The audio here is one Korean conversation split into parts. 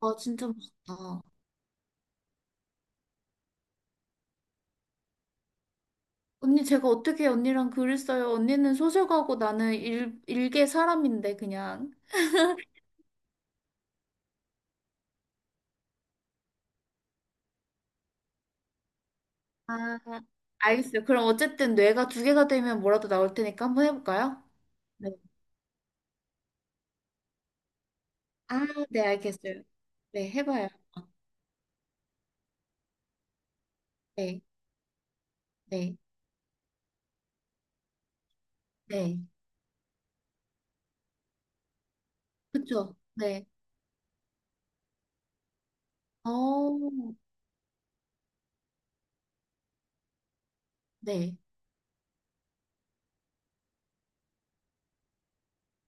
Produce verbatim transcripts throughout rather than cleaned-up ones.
아, 진짜 멋있다. 언니, 제가 어떻게 언니랑 글을 써요? 언니는 소설가고 나는 일, 일개 사람인데, 그냥. 아, 알겠어요. 그럼 어쨌든 뇌가 두 개가 되면 뭐라도 나올 테니까 한번 해볼까요? 네. 아, 네, 알겠어요. 네, 해봐요. 네, 네, 네. 그쵸? 네. 어, 네.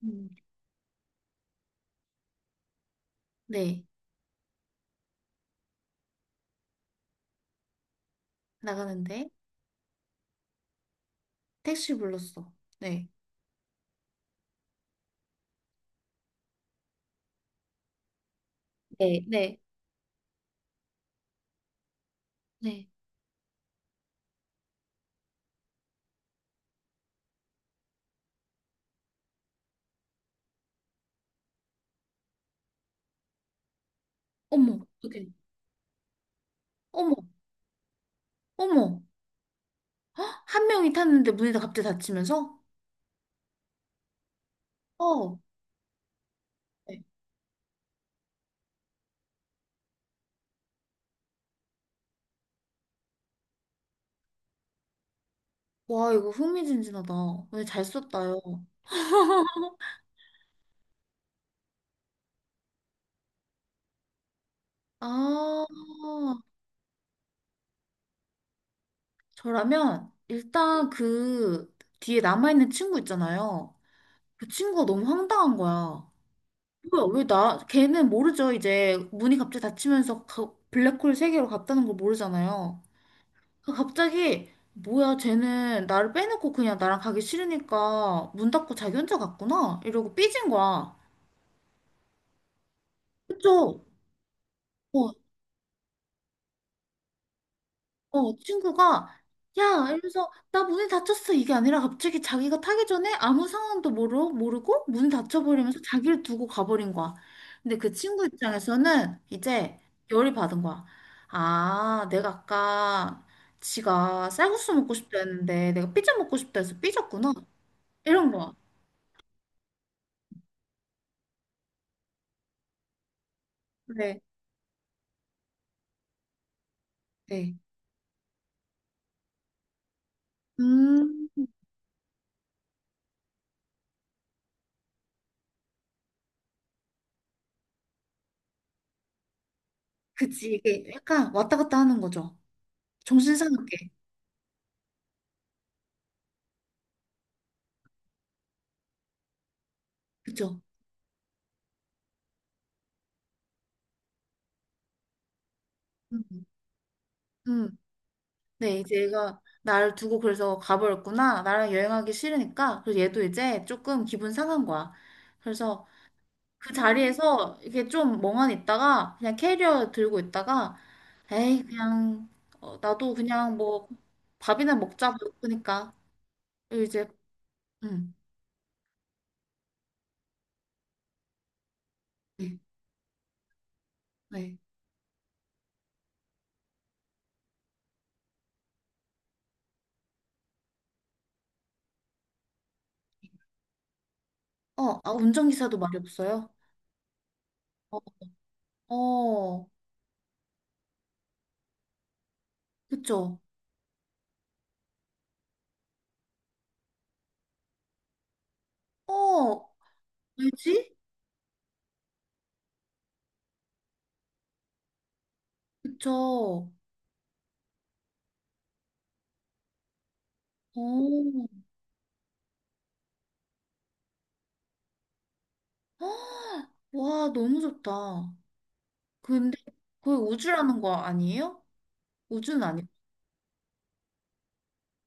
음, 네. 나가는데. 택시 불렀어. 네. 네, 네, 네. 어머, 어떡해. 어머, 어머. 헉! 한 명이 탔는데 문이 다 갑자기 닫히면서? 어. 네. 와, 이거 흥미진진하다. 오늘 잘 썼다요. 아, 저라면 일단 그 뒤에 남아있는 친구 있잖아요. 그 친구가 너무 황당한 거야. 뭐야, 왜 나, 걔는 모르죠. 이제 문이 갑자기 닫히면서 가- 블랙홀 세계로 갔다는 걸 모르잖아요. 그 갑자기, 뭐야, 쟤는 나를 빼놓고 그냥 나랑 가기 싫으니까 문 닫고 자기 혼자 갔구나. 이러고 삐진 거야. 그쵸? 어, 어, 친구가, 야! 이러면서, 나 문이 닫혔어. 이게 아니라 갑자기 자기가 타기 전에 아무 상황도 모르, 모르고 문 닫혀버리면서 자기를 두고 가버린 거야. 근데 그 친구 입장에서는 이제 열이 받은 거야. 아, 내가 아까 지가 쌀국수 먹고 싶다 했는데 내가 피자 먹고 싶다 해서 삐졌구나. 이런 거야. 네, 네. 음, 그치. 이게 약간 왔다 갔다 하는 거죠. 정신 사납게. 그쵸? 음, 음. 네, 이제 얘가 나를 두고 그래서 가버렸구나. 나랑 여행하기 싫으니까. 그래서 얘도 이제 조금 기분 상한 거야. 그래서 그 자리에서 이게 좀 멍하니 있다가 그냥 캐리어 들고 있다가 에이, 그냥 어, 나도 그냥 뭐 밥이나 먹자 그러니까 이제 음. 네. 네. 어, 아, 운전기사도 말이 없어요. 어, 어, 그쵸. 어, 왜지? 그쵸. 어, 헉, 와, 너무 좋다. 근데 그게 우주라는 거 아니에요? 우주는 아니.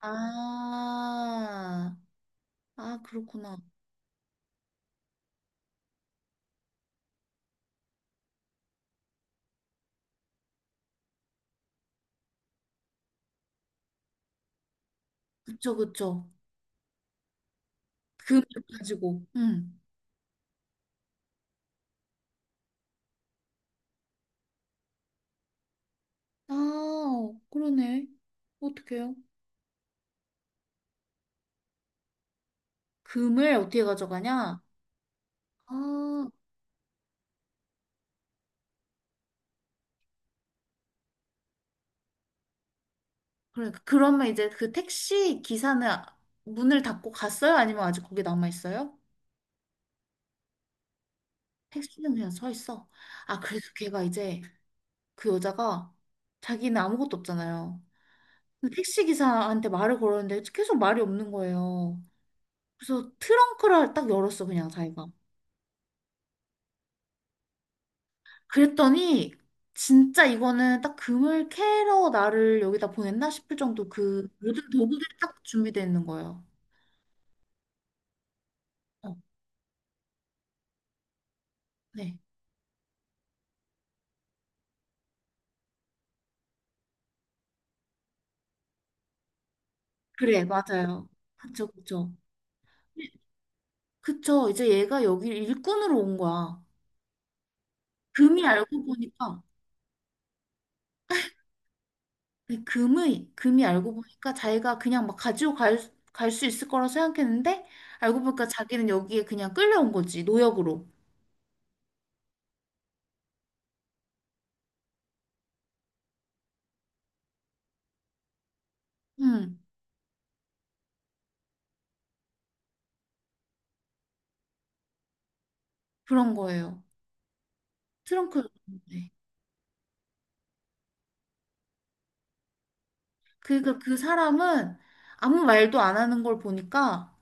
아, 아 그렇구나. 그쵸 그쵸. 금을 가지고. 음. 아, 그러네. 어떡해요? 금을 어떻게 가져가냐? 아, 그래. 그러면 이제 그 택시 기사는 문을 닫고 갔어요? 아니면 아직 거기 남아 있어요? 택시는 그냥 서 있어. 아, 그래서 걔가 이제 그 여자가 자기는 아무것도 없잖아요. 택시 기사한테 말을 걸었는데 계속 말이 없는 거예요. 그래서 트렁크를 딱 열었어, 그냥 자기가. 그랬더니 진짜 이거는 딱 금을 캐러 나를 여기다 보냈나 싶을 정도 그 모든 도구들이 딱 준비되어 있는 거예요. 어, 네. 그래, 맞아요. 그쵸, 그쵸. 그쵸. 이제 얘가 여기 일꾼으로 온 거야. 금이 알고 보니까 근데 금의, 금이 알고 보니까 자기가 그냥 막 가지고 갈, 갈 수 있을 거라 생각했는데, 알고 보니까 자기는 여기에 그냥 끌려온 거지, 노역으로. 음, 그런 거예요. 트렁크. 네. 그러니까 그 사람은 아무 말도 안 하는 걸 보니까,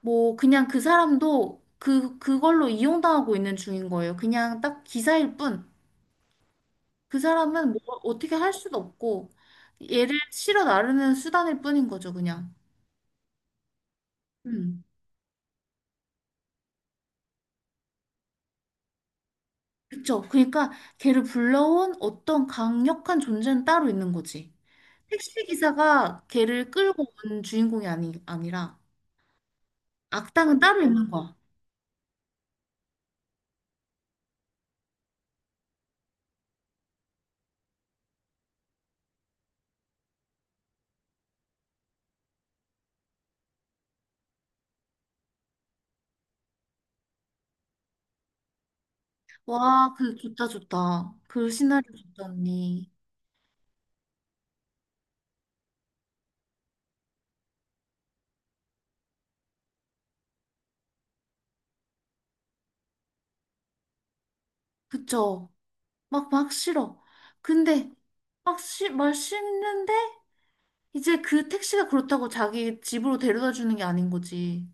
뭐, 그냥 그 사람도 그, 그걸로 이용당하고 있는 중인 거예요. 그냥 딱 기사일 뿐. 그 사람은 뭐, 어떻게 할 수도 없고, 얘를 실어 나르는 수단일 뿐인 거죠, 그냥. 음. 그쵸? 그러니까 걔를 불러온 어떤 강력한 존재는 따로 있는 거지. 택시 기사가 걔를 끌고 온 주인공이 아니, 아니라 악당은 따로 있는 거야. 와, 그 좋다 좋다. 그 시나리오 좋다 언니. 그쵸? 막 막 싫어. 근데 막 시, 말 싫는데 이제 그 택시가 그렇다고 자기 집으로 데려다 주는 게 아닌 거지.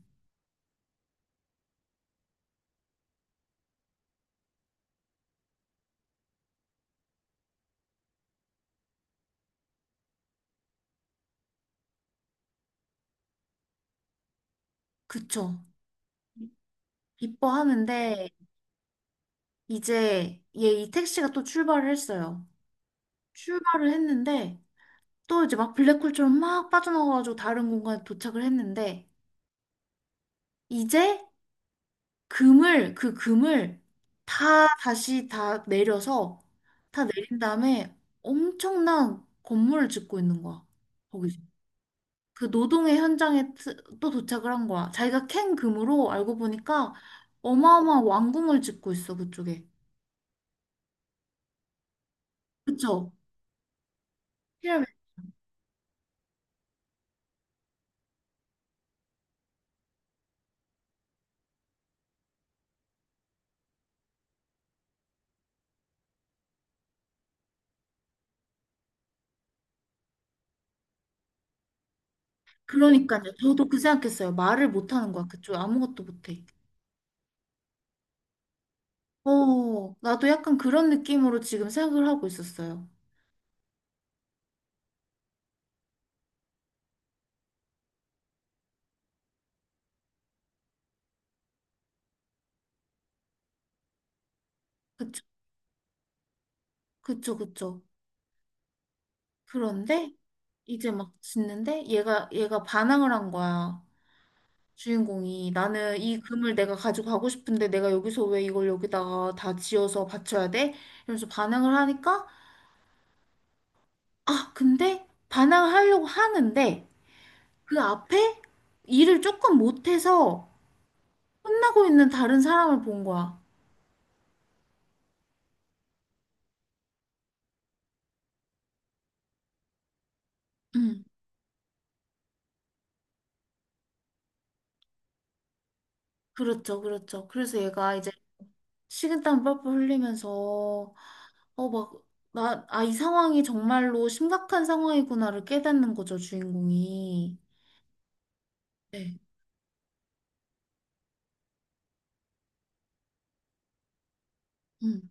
그쵸? 기뻐하는데 이제 얘 이 택시가 또 출발을 했어요. 출발을 했는데 또 이제 막 블랙홀처럼 막 빠져나가가지고 다른 공간에 도착을 했는데 이제 금을 그 금을 다 다시 다 내려서 다 내린 다음에 엄청난 건물을 짓고 있는 거야. 거기서 그 노동의 현장에 트- 또 도착을 한 거야. 자기가 캔 금으로 알고 보니까 어마어마한 왕궁을 짓고 있어 그쪽에. 그쵸? 피라미드. 그러니까요. 저도 그 생각했어요. 말을 못하는 거야. 그쪽 아무것도 못해. 어, 나도 약간 그런 느낌으로 지금 생각을 하고 있었어요. 그쵸, 그쵸, 그쵸. 그런데 이제 막 짓는데 얘가, 얘가 반항을 한 거야. 주인공이. 나는 이 금을 내가 가지고 가고 싶은데 내가 여기서 왜 이걸 여기다가 다 지어서 바쳐야 돼? 이러면서 반항을 하니까, 아, 근데 반항을 하려고 하는데 그 앞에 일을 조금 못해서 혼나고 있는 다른 사람을 본 거야. 음, 그렇죠, 그렇죠. 그래서 얘가 이제 식은땀 뻘뻘 흘리면서 어 막 나 아 이 상황이 정말로 심각한 상황이구나를 깨닫는 거죠 주인공이 네, 음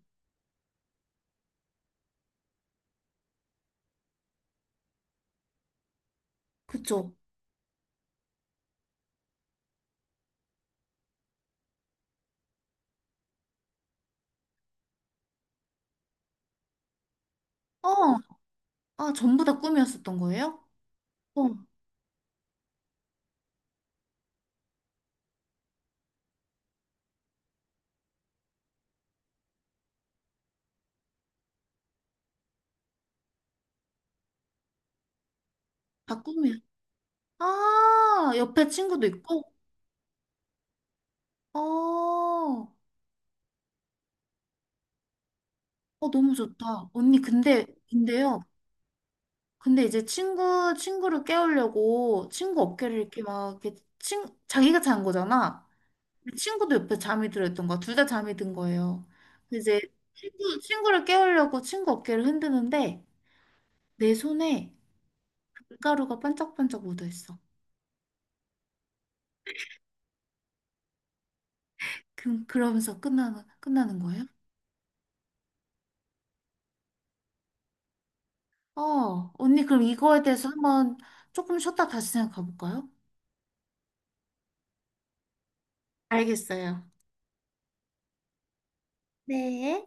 그쵸 어아 전부 다 꿈이었었던 거예요? 어 다 꿈이야 아 옆에 친구도 있고 어, 어 너무 좋다 언니 근데 근데요 근데 이제 친구 친구를 깨우려고 친구 어깨를 이렇게 막 이렇게 친 자기가 잔 거잖아 그 친구도 옆에 잠이 들어있던 거야. 둘 다 잠이 든 거예요. 이제 친구, 친구를 깨우려고 친구 어깨를 흔드는데 내 손에 밀가루가 반짝반짝 묻어있어. 그, 그러면서 끝나는, 끝나는 거예요? 어, 언니 그럼 이거에 대해서 한번 조금 쉬었다 다시 생각해 볼까요? 알겠어요. 네.